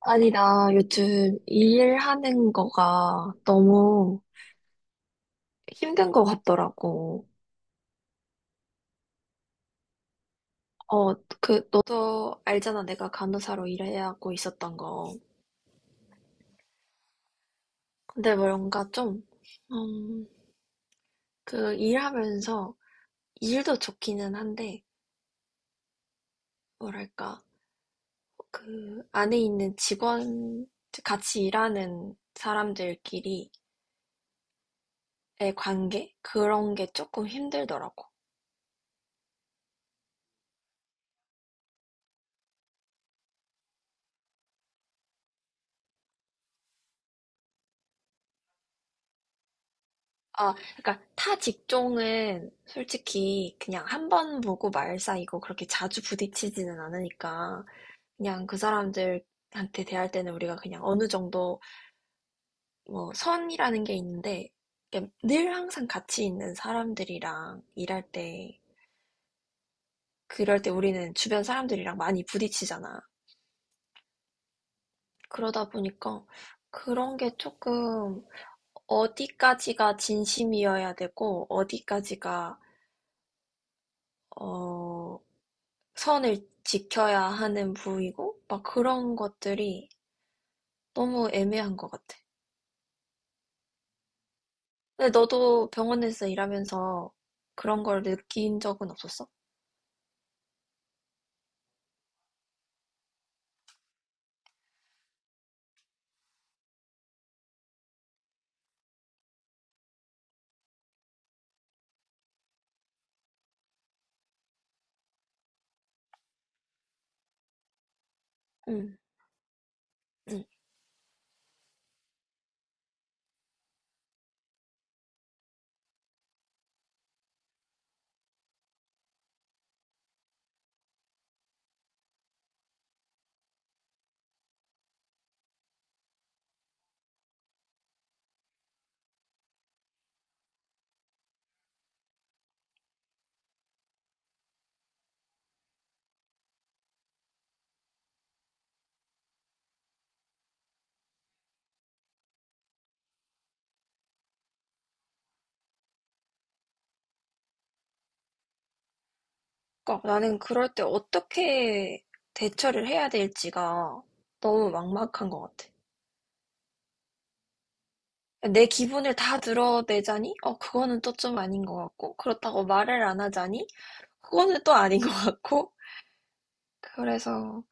아니, 나 요즘 이 일하는 거가 너무 힘든 거 같더라고. 어, 그, 너도 알잖아. 내가 간호사로 일하고 있었던 거. 근데 뭔가 좀, 음, 그 일하면서 일도 좋기는 한데, 뭐랄까, 그 안에 있는 직원, 같이 일하는 사람들끼리의 관계? 그런 게 조금 힘들더라고. 아, 그러니까 타 직종은 솔직히 그냥 한번 보고 말사이고 그렇게 자주 부딪히지는 않으니까 그냥 그 사람들한테 대할 때는 우리가 그냥 어느 정도 뭐 선이라는 게 있는데 그냥 늘 항상 같이 있는 사람들이랑 일할 때 그럴 때 우리는 주변 사람들이랑 많이 부딪히잖아. 그러다 보니까 그런 게 조금 어디까지가 진심이어야 되고 어디까지가 어 선을 지켜야 하는 부위고 막 그런 것들이 너무 애매한 것 같아. 근데 너도 병원에서 일하면서 그런 걸 느낀 적은 없었어? 응, 응. 그러니까 나는 그럴 때 어떻게 대처를 해야 될지가 너무 막막한 것 같아. 내 기분을 다 드러내자니? 어, 그거는 또 좀 아닌 것 같고, 그렇다고 말을 안 하자니? 그거는 또 아닌 것 같고, 그래서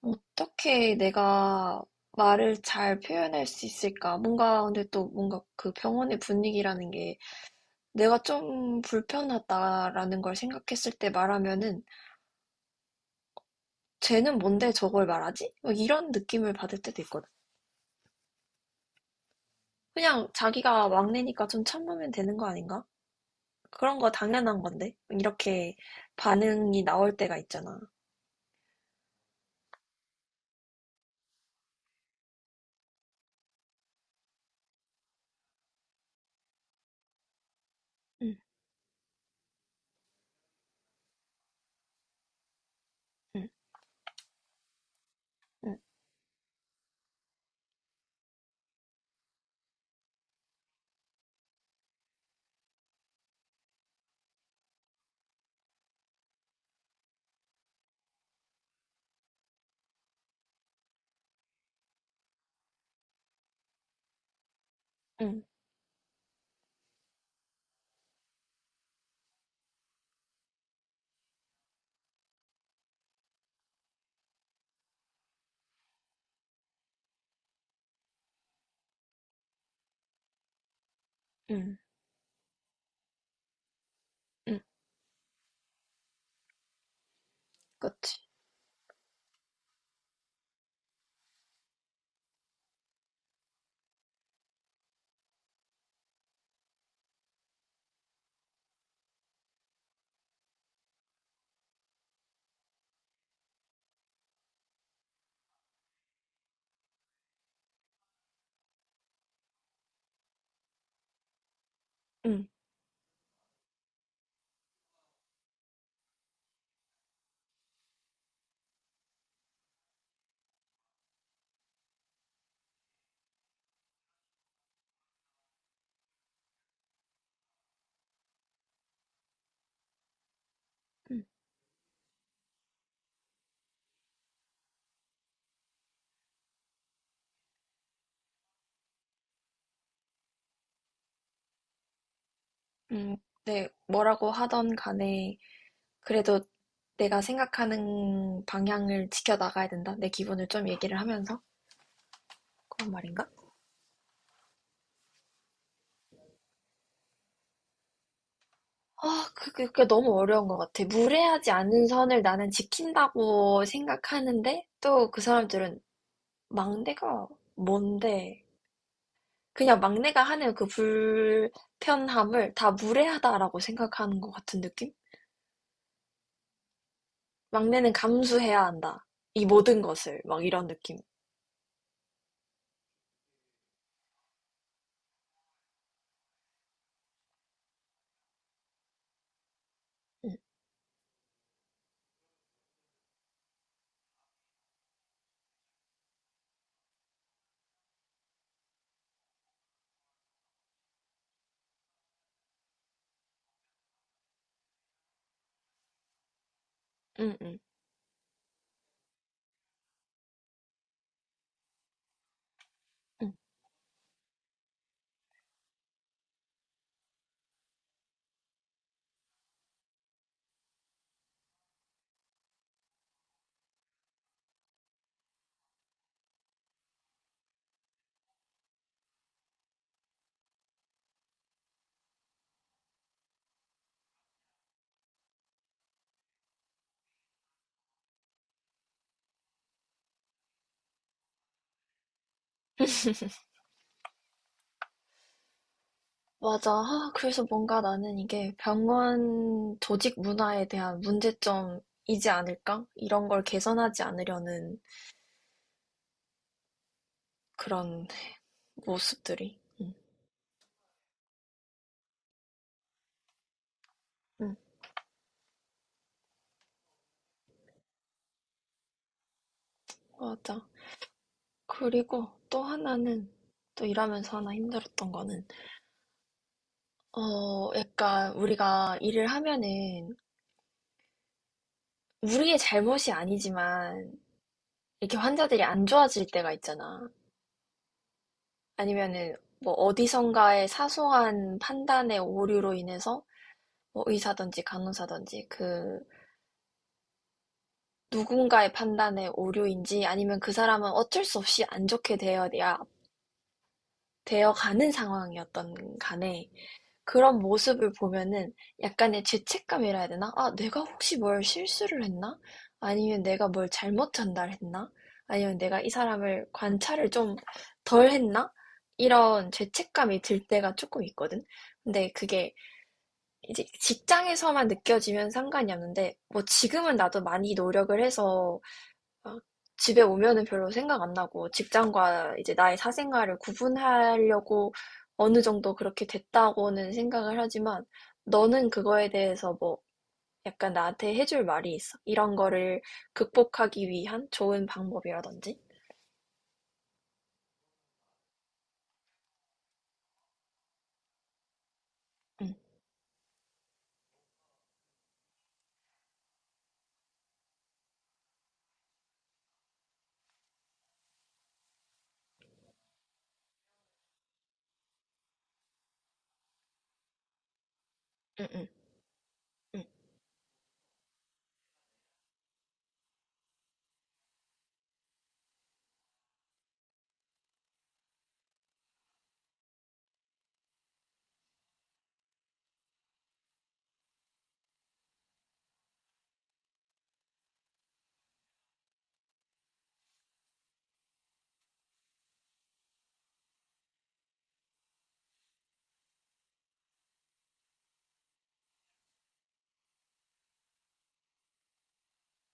어떻게 내가 말을 잘 표현할 수 있을까? 뭔가, 근데 또 뭔가 그 병원의 분위기라는 게 내가 좀 불편하다라는 걸 생각했을 때 말하면은 쟤는 뭔데 저걸 말하지? 막 이런 느낌을 받을 때도 있거든. 그냥 자기가 막내니까 좀 참으면 되는 거 아닌가? 그런 거 당연한 건데. 이렇게 반응이 나올 때가 있잖아. 응, 응, 응, 응, 응, 응, 그치. 응, 응, 응. 네, 뭐라고 하던 간에 그래도 내가 생각하는 방향을 지켜나가야 된다. 내 기분을 좀 얘기를 하면서 그런 말인가? 아, 그게, 그게 너무 어려운 것 같아. 무례하지 않은 선을 나는 지킨다고 생각하는데 또 그 사람들은 막내가 뭔데? 그냥 막내가 하는 그 불편함을 다 무례하다라고 생각하는 것 같은 느낌? 막내는 감수해야 한다. 이 모든 것을 막 이런 느낌. 응, 응, 응, 응. 맞아. 아, 그래서 뭔가 나는 이게 병원 조직 문화에 대한 문제점이지 않을까? 이런 걸 개선하지 않으려는 그런 모습들이. 응, 응, 맞아. 그리고 또 하나는, 또 일하면서 하나 힘들었던 거는, 어, 약간 우리가 일을 하면은, 우리의 잘못이 아니지만, 이렇게 환자들이 안 좋아질 때가 있잖아. 아니면은, 뭐 어디선가의 사소한 판단의 오류로 인해서 뭐 의사든지 간호사든지 그 누군가의 판단의 오류인지 아니면 그 사람은 어쩔 수 없이 안 좋게 되어야 되어가는 상황이었던 간에 그런 모습을 보면은 약간의 죄책감이라 해야 되나? 아, 내가 혹시 뭘 실수를 했나? 아니면 내가 뭘 잘못 전달했나? 아니면 내가 이 사람을 관찰을 좀 덜 했나? 이런 죄책감이 들 때가 조금 있거든. 근데 그게 이제 직장에서만 느껴지면 상관이 없는데 뭐 지금은 나도 많이 노력을 해서 막 집에 오면은 별로 생각 안 나고 직장과 이제 나의 사생활을 구분하려고 어느 정도 그렇게 됐다고는 생각을 하지만 너는 그거에 대해서 뭐 약간 나한테 해줄 말이 있어? 이런 거를 극복하기 위한 좋은 방법이라든지? 응, 응, 응, 응.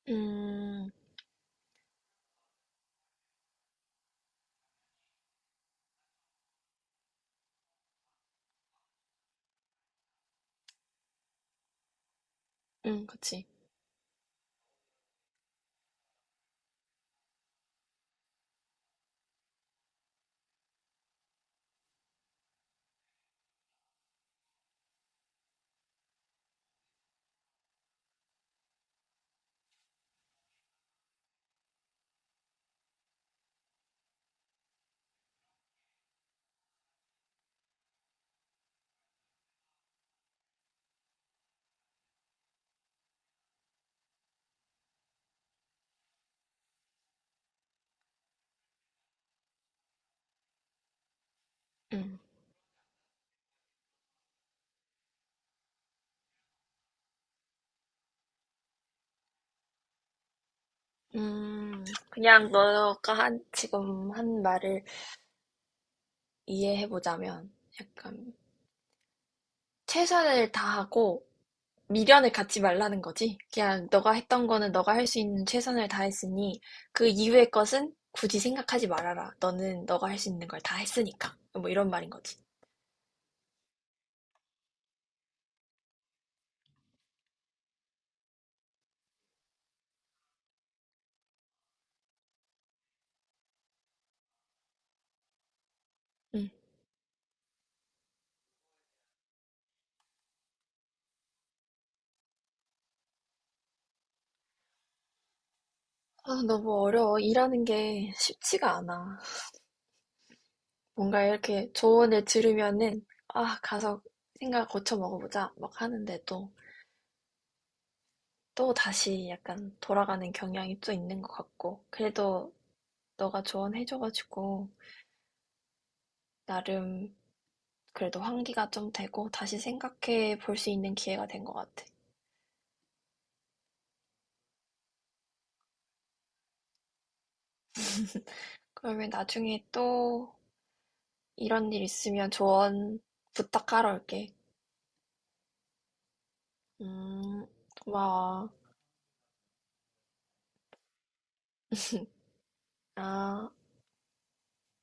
음, 응, 그치. 응. 음, 그냥 너가 한, 지금 한 말을 이해해보자면 약간 최선을 다하고 미련을 갖지 말라는 거지. 그냥 너가 했던 거는 너가 할 수 있는 최선을 다했으니 그 이후의 것은 굳이 생각하지 말아라. 너는 너가 할 수 있는 걸 다 했으니까. 뭐 이런 말인 거지. 응. 아, 너무 어려워. 일하는 게 쉽지가 않아. 뭔가 이렇게 조언을 들으면은 아, 가서 생각 고쳐 먹어보자 막 하는데도 또 다시 약간 돌아가는 경향이 또 있는 것 같고. 그래도 너가 조언해줘가지고 나름 그래도 환기가 좀 되고 다시 생각해 볼 수 있는 기회가 된 것 같아. 그러면 나중에 또 이런 일 있으면 조언 부탁하러 올게. 음, 고마워. 아.